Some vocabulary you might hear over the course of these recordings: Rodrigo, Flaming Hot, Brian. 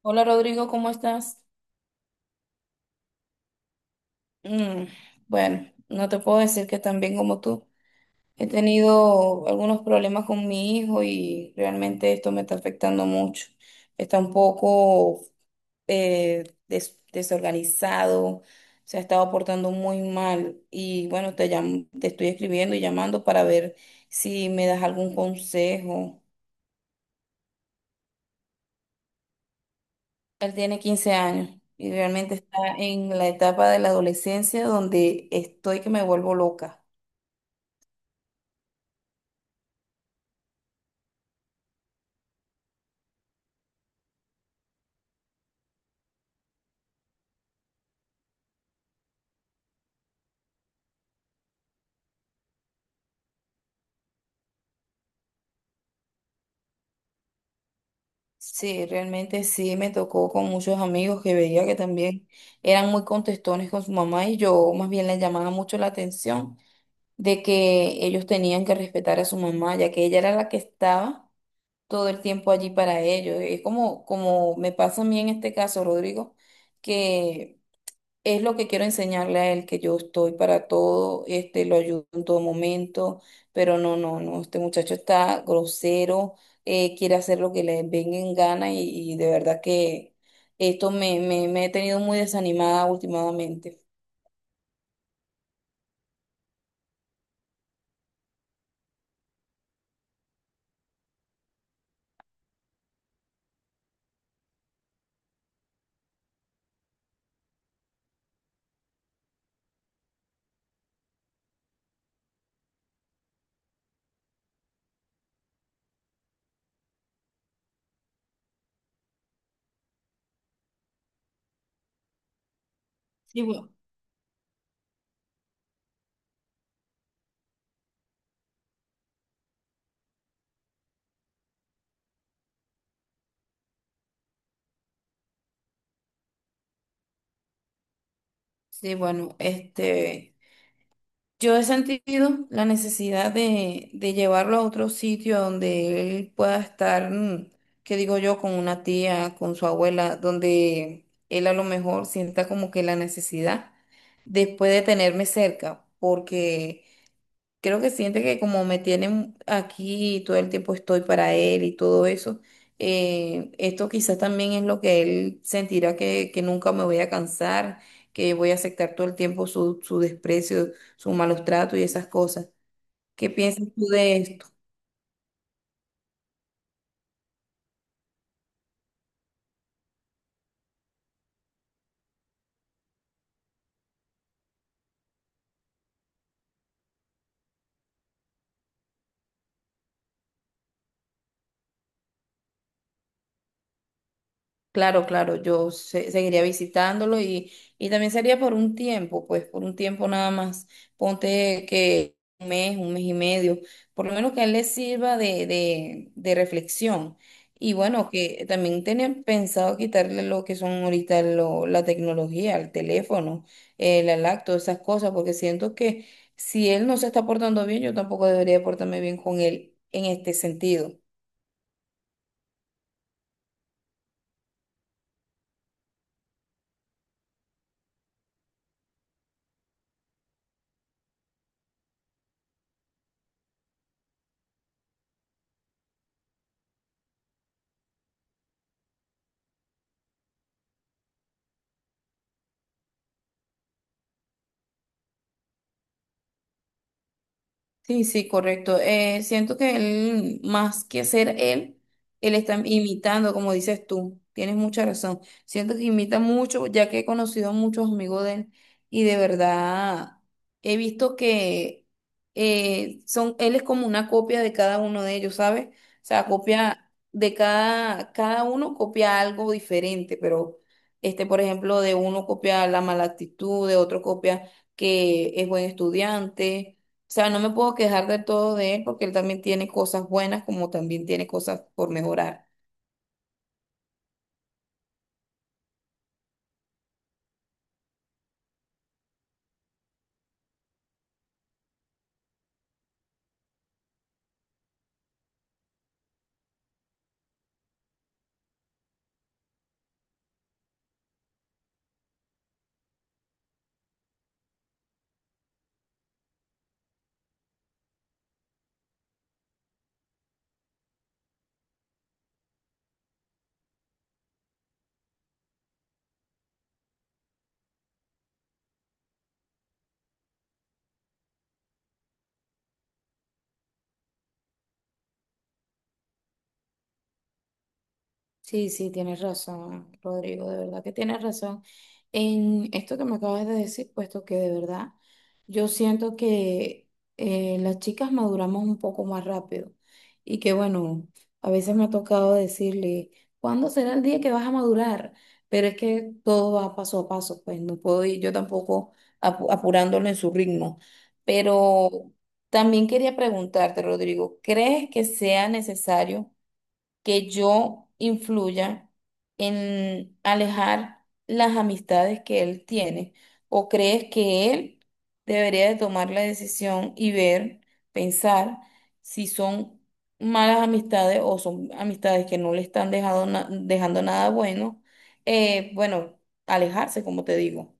Hola Rodrigo, ¿cómo estás? Mm, bueno, no te puedo decir que tan bien como tú. He tenido algunos problemas con mi hijo y realmente esto me está afectando mucho. Está un poco desorganizado, se ha estado portando muy mal y bueno, te estoy escribiendo y llamando para ver si me das algún consejo. Él tiene 15 años y realmente está en la etapa de la adolescencia donde estoy que me vuelvo loca. Sí, realmente sí, me tocó con muchos amigos que veía que también eran muy contestones con su mamá y yo más bien les llamaba mucho la atención de que ellos tenían que respetar a su mamá, ya que ella era la que estaba todo el tiempo allí para ellos. Es como, como me pasa a mí en este caso, Rodrigo, que es lo que quiero enseñarle a él, que yo estoy para todo, este, lo ayudo en todo momento, pero no, no, no, este muchacho está grosero, quiere hacer lo que le venga en gana y de verdad que esto me he tenido muy desanimada últimamente. Sí, bueno, Yo he sentido la necesidad de llevarlo a otro sitio donde él pueda estar, qué digo yo, con una tía, con su abuela, donde él a lo mejor sienta como que la necesidad después de tenerme cerca, porque creo que siente que como me tienen aquí y todo el tiempo estoy para él y todo eso, esto quizás también es lo que él sentirá que nunca me voy a cansar, que voy a aceptar todo el tiempo su, su desprecio, su malos tratos y esas cosas. ¿Qué piensas tú de esto? Claro, claro, seguiría visitándolo y también sería por un tiempo, pues por un tiempo nada más. Ponte que un mes y medio, por lo menos que a él le sirva de reflexión. Y bueno, que también tenían pensado quitarle lo que son ahorita la tecnología, el teléfono, la lacto, esas cosas, porque siento que si él no se está portando bien, yo tampoco debería portarme bien con él en este sentido. Sí, sí, correcto. Siento que él, más que ser él, él está imitando, como dices tú. Tienes mucha razón. Siento que imita mucho, ya que he conocido muchos amigos de él y de verdad he visto que él es como una copia de cada uno de ellos, ¿sabes? O sea, copia de cada, cada uno copia algo diferente, pero este, por ejemplo, de uno copia la mala actitud, de otro copia que es buen estudiante. O sea, no me puedo quejar de todo de él porque él también tiene cosas buenas como también tiene cosas por mejorar. Sí, sí, tienes razón, Rodrigo, de verdad que tienes razón en esto que me acabas de decir, puesto que de verdad yo siento que las chicas maduramos un poco más rápido y que bueno, a veces me ha tocado decirle, ¿cuándo será el día que vas a madurar? Pero es que todo va paso a paso, pues no puedo ir yo tampoco apurándolo en su ritmo. Pero también quería preguntarte, Rodrigo, ¿crees que sea necesario que yo influya en alejar las amistades que él tiene? ¿O crees que él debería de tomar la decisión y ver, pensar si son malas amistades o son amistades que no le están dejando nada bueno? Bueno, alejarse, como te digo.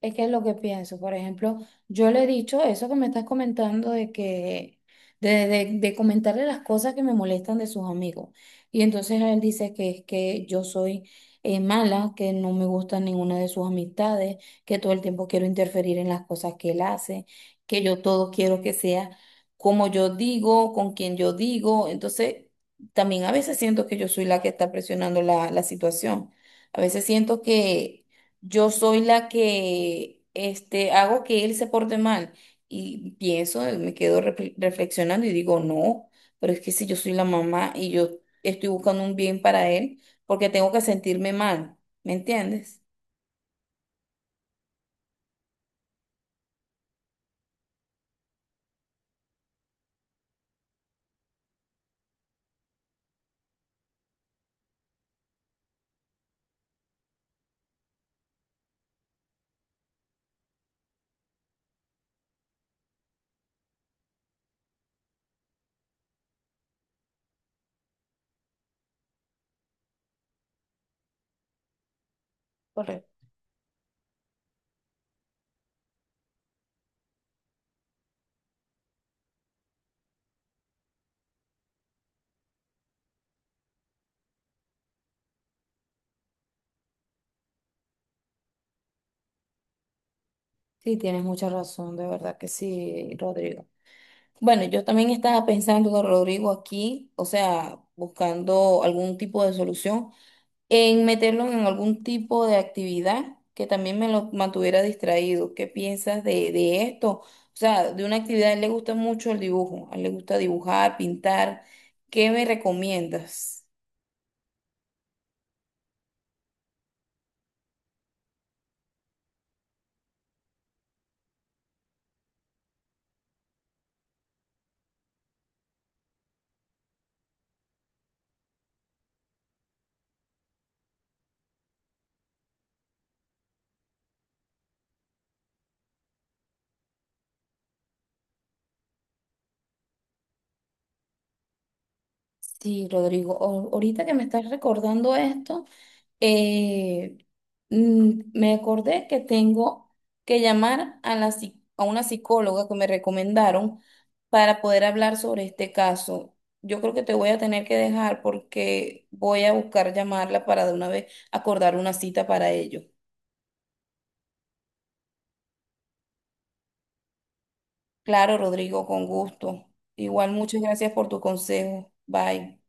Es que es lo que pienso. Por ejemplo, yo le he dicho eso que me estás comentando de que, de comentarle las cosas que me molestan de sus amigos. Y entonces él dice que es que yo soy mala, que no me gusta ninguna de sus amistades, que todo el tiempo quiero interferir en las cosas que él hace, que yo todo quiero que sea como yo digo, con quien yo digo. Entonces, también a veces siento que yo soy la que está presionando la situación. A veces siento que yo soy la que este, hago que él se porte mal. Y pienso, me quedo reflexionando y digo, no, pero es que si yo soy la mamá y yo estoy buscando un bien para él, porque tengo que sentirme mal, ¿me entiendes? Correcto. Sí, tienes mucha razón, de verdad que sí, Rodrigo. Bueno, yo también estaba pensando, Rodrigo, aquí, o sea, buscando algún tipo de solución, en meterlo en algún tipo de actividad que también me lo mantuviera distraído. ¿Qué piensas de esto? O sea, de una actividad, a él le gusta mucho el dibujo, a él le gusta dibujar, pintar. ¿Qué me recomiendas? Sí, Rodrigo, ahorita que me estás recordando esto. eh, me acordé que tengo que llamar a a una psicóloga que me recomendaron para poder hablar sobre este caso. Yo creo que te voy a tener que dejar porque voy a buscar llamarla para de una vez acordar una cita para ello. Claro, Rodrigo, con gusto. Igual, muchas gracias por tu consejo. Bye.